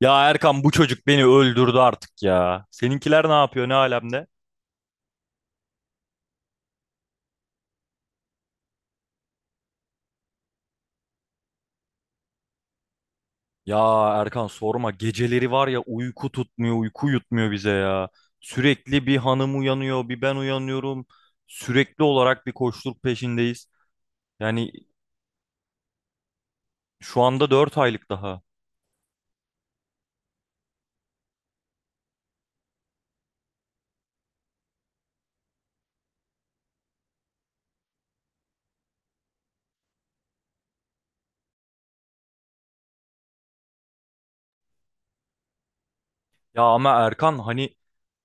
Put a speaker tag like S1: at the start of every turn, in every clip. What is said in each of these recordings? S1: Ya Erkan, bu çocuk beni öldürdü artık ya. Seninkiler ne yapıyor, ne alemde? Ya Erkan sorma, geceleri var ya, uyku tutmuyor, uyku yutmuyor bize ya. Sürekli bir hanım uyanıyor, bir ben uyanıyorum. Sürekli olarak bir koşturuk peşindeyiz. Yani şu anda 4 aylık daha. Ya ama Erkan, hani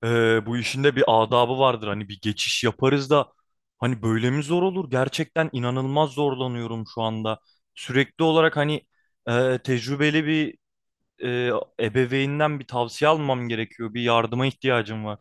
S1: bu işin de bir adabı vardır. Hani bir geçiş yaparız da hani böyle mi zor olur? Gerçekten inanılmaz zorlanıyorum şu anda. Sürekli olarak hani tecrübeli bir e, ebeveynden bir tavsiye almam gerekiyor. Bir yardıma ihtiyacım var.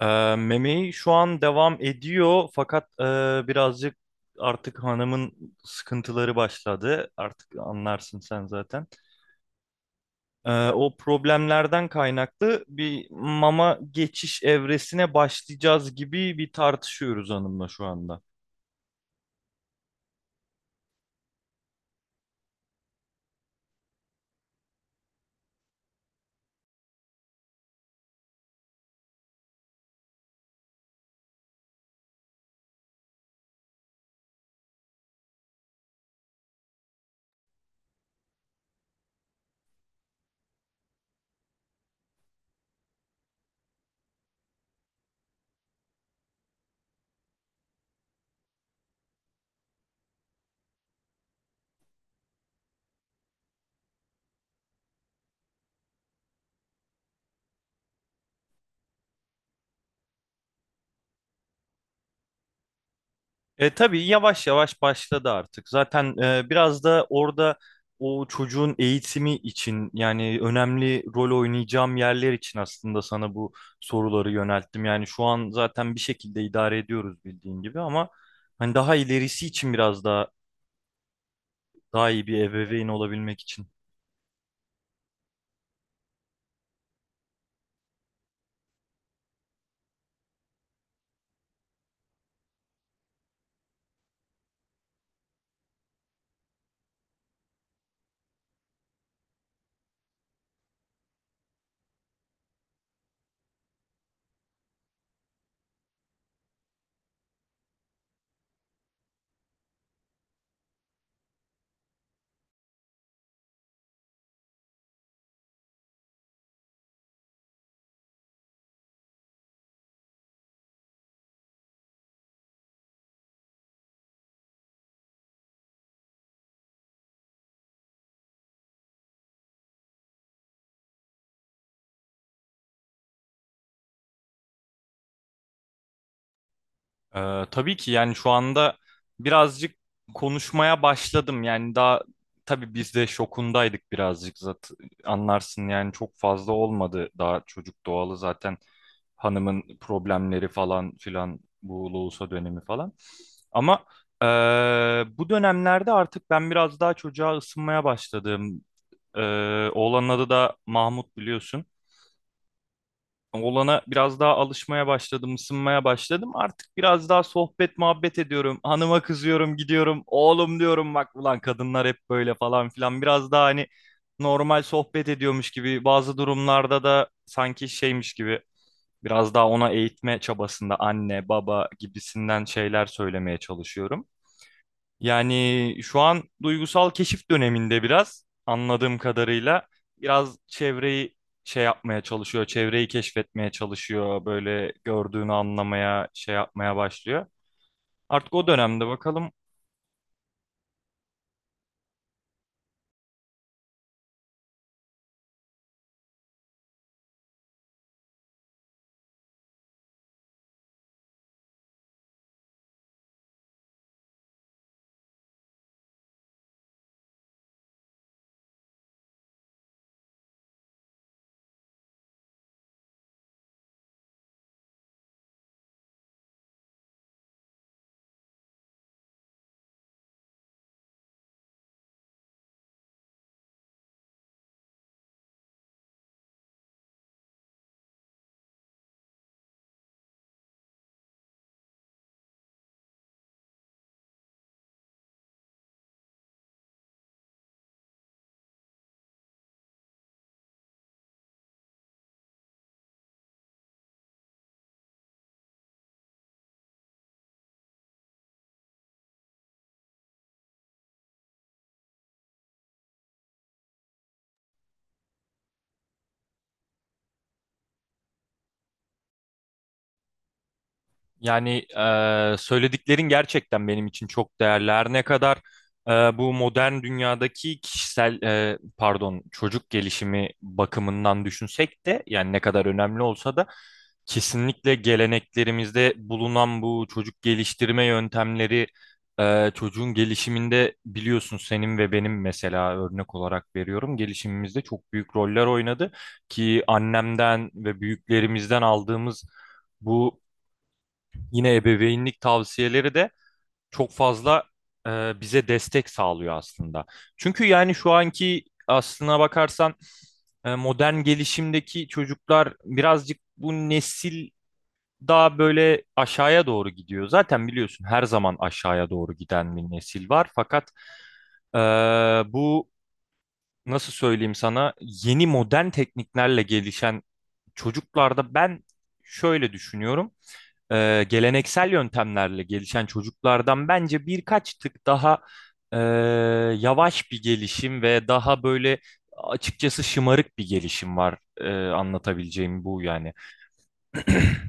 S1: E, Memeyi şu an devam ediyor, fakat birazcık artık hanımın sıkıntıları başladı. Artık anlarsın sen zaten. O problemlerden kaynaklı bir mama geçiş evresine başlayacağız gibi bir tartışıyoruz hanımla şu anda. Tabii yavaş yavaş başladı artık. Zaten biraz da orada o çocuğun eğitimi için, yani önemli rol oynayacağım yerler için, aslında sana bu soruları yönelttim. Yani şu an zaten bir şekilde idare ediyoruz, bildiğin gibi, ama hani daha ilerisi için biraz daha iyi bir ebeveyn olabilmek için. Tabii ki, yani şu anda birazcık konuşmaya başladım. Yani daha, tabii biz de şokundaydık birazcık, zaten anlarsın yani. Çok fazla olmadı daha çocuk doğalı zaten, hanımın problemleri falan filan, bu loğusa dönemi falan. Ama eee, bu dönemlerde artık ben biraz daha çocuğa ısınmaya başladım. Oğlanın adı da Mahmut, biliyorsun, olana biraz daha alışmaya başladım, ısınmaya başladım. Artık biraz daha sohbet muhabbet ediyorum. Hanıma kızıyorum, gidiyorum. Oğlum diyorum, bak ulan kadınlar hep böyle falan filan. Biraz daha hani normal sohbet ediyormuş gibi, bazı durumlarda da sanki şeymiş gibi biraz daha ona eğitme çabasında anne, baba gibisinden şeyler söylemeye çalışıyorum. Yani şu an duygusal keşif döneminde biraz, anladığım kadarıyla. Biraz çevreyi şey yapmaya çalışıyor, çevreyi keşfetmeye çalışıyor, böyle gördüğünü anlamaya, şey yapmaya başlıyor. Artık o dönemde bakalım. Yani söylediklerin gerçekten benim için çok değerli. Her ne kadar e, bu modern dünyadaki kişisel, pardon, çocuk gelişimi bakımından düşünsek de, yani ne kadar önemli olsa da, kesinlikle geleneklerimizde bulunan bu çocuk geliştirme yöntemleri çocuğun gelişiminde, biliyorsun, senin ve benim, mesela örnek olarak veriyorum, gelişimimizde çok büyük roller oynadı ki annemden ve büyüklerimizden aldığımız bu yine ebeveynlik tavsiyeleri de çok fazla bize destek sağlıyor aslında. Çünkü yani şu anki, aslına bakarsan, modern gelişimdeki çocuklar birazcık, bu nesil daha böyle aşağıya doğru gidiyor. Zaten biliyorsun, her zaman aşağıya doğru giden bir nesil var. Fakat e, bu, nasıl söyleyeyim sana, yeni modern tekniklerle gelişen çocuklarda ben şöyle düşünüyorum: geleneksel yöntemlerle gelişen çocuklardan bence birkaç tık daha e, yavaş bir gelişim ve daha böyle, açıkçası, şımarık bir gelişim var. Anlatabileceğim bu yani.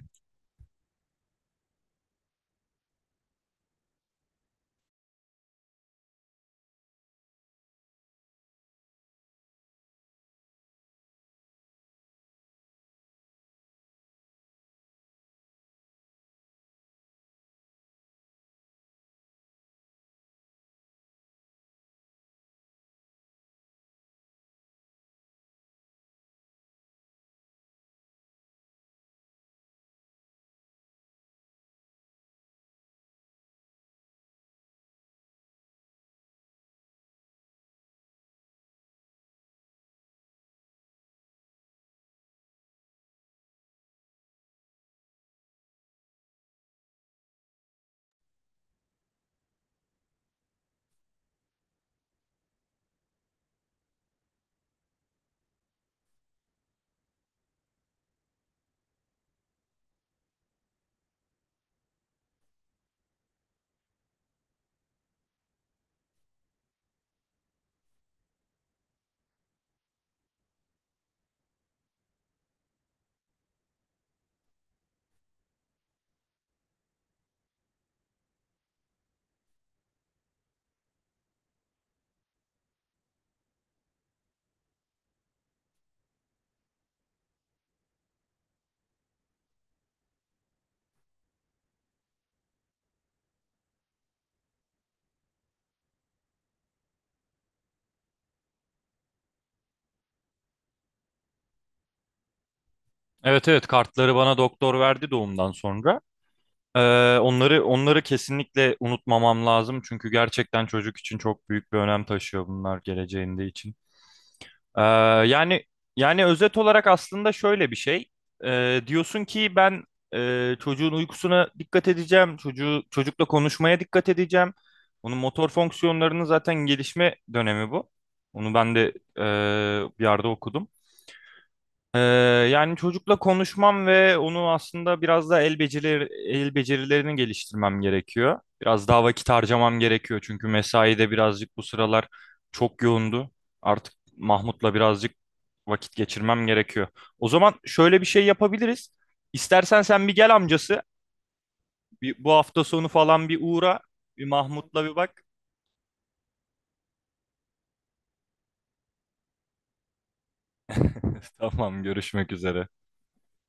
S1: Evet, evet, kartları bana doktor verdi doğumdan sonra. Onları, onları kesinlikle unutmamam lazım çünkü gerçekten çocuk için çok büyük bir önem taşıyor bunlar geleceğinde için. Ee, Yani, yani özet olarak aslında şöyle bir şey. Diyorsun ki ben çocuğun uykusuna dikkat edeceğim, çocuğu, çocukla konuşmaya dikkat edeceğim. Onun motor fonksiyonlarının zaten gelişme dönemi bu. Onu ben de bir yerde okudum. Ee, Yani çocukla konuşmam ve onu, aslında biraz da el becerileri, el becerilerini geliştirmem gerekiyor. Biraz daha vakit harcamam gerekiyor çünkü mesai de birazcık bu sıralar çok yoğundu. Artık Mahmut'la birazcık vakit geçirmem gerekiyor. O zaman şöyle bir şey yapabiliriz. İstersen sen bir gel amcası. Bir, bu hafta sonu falan bir uğra. Bir Mahmut'la bir bak. Tamam, görüşmek üzere.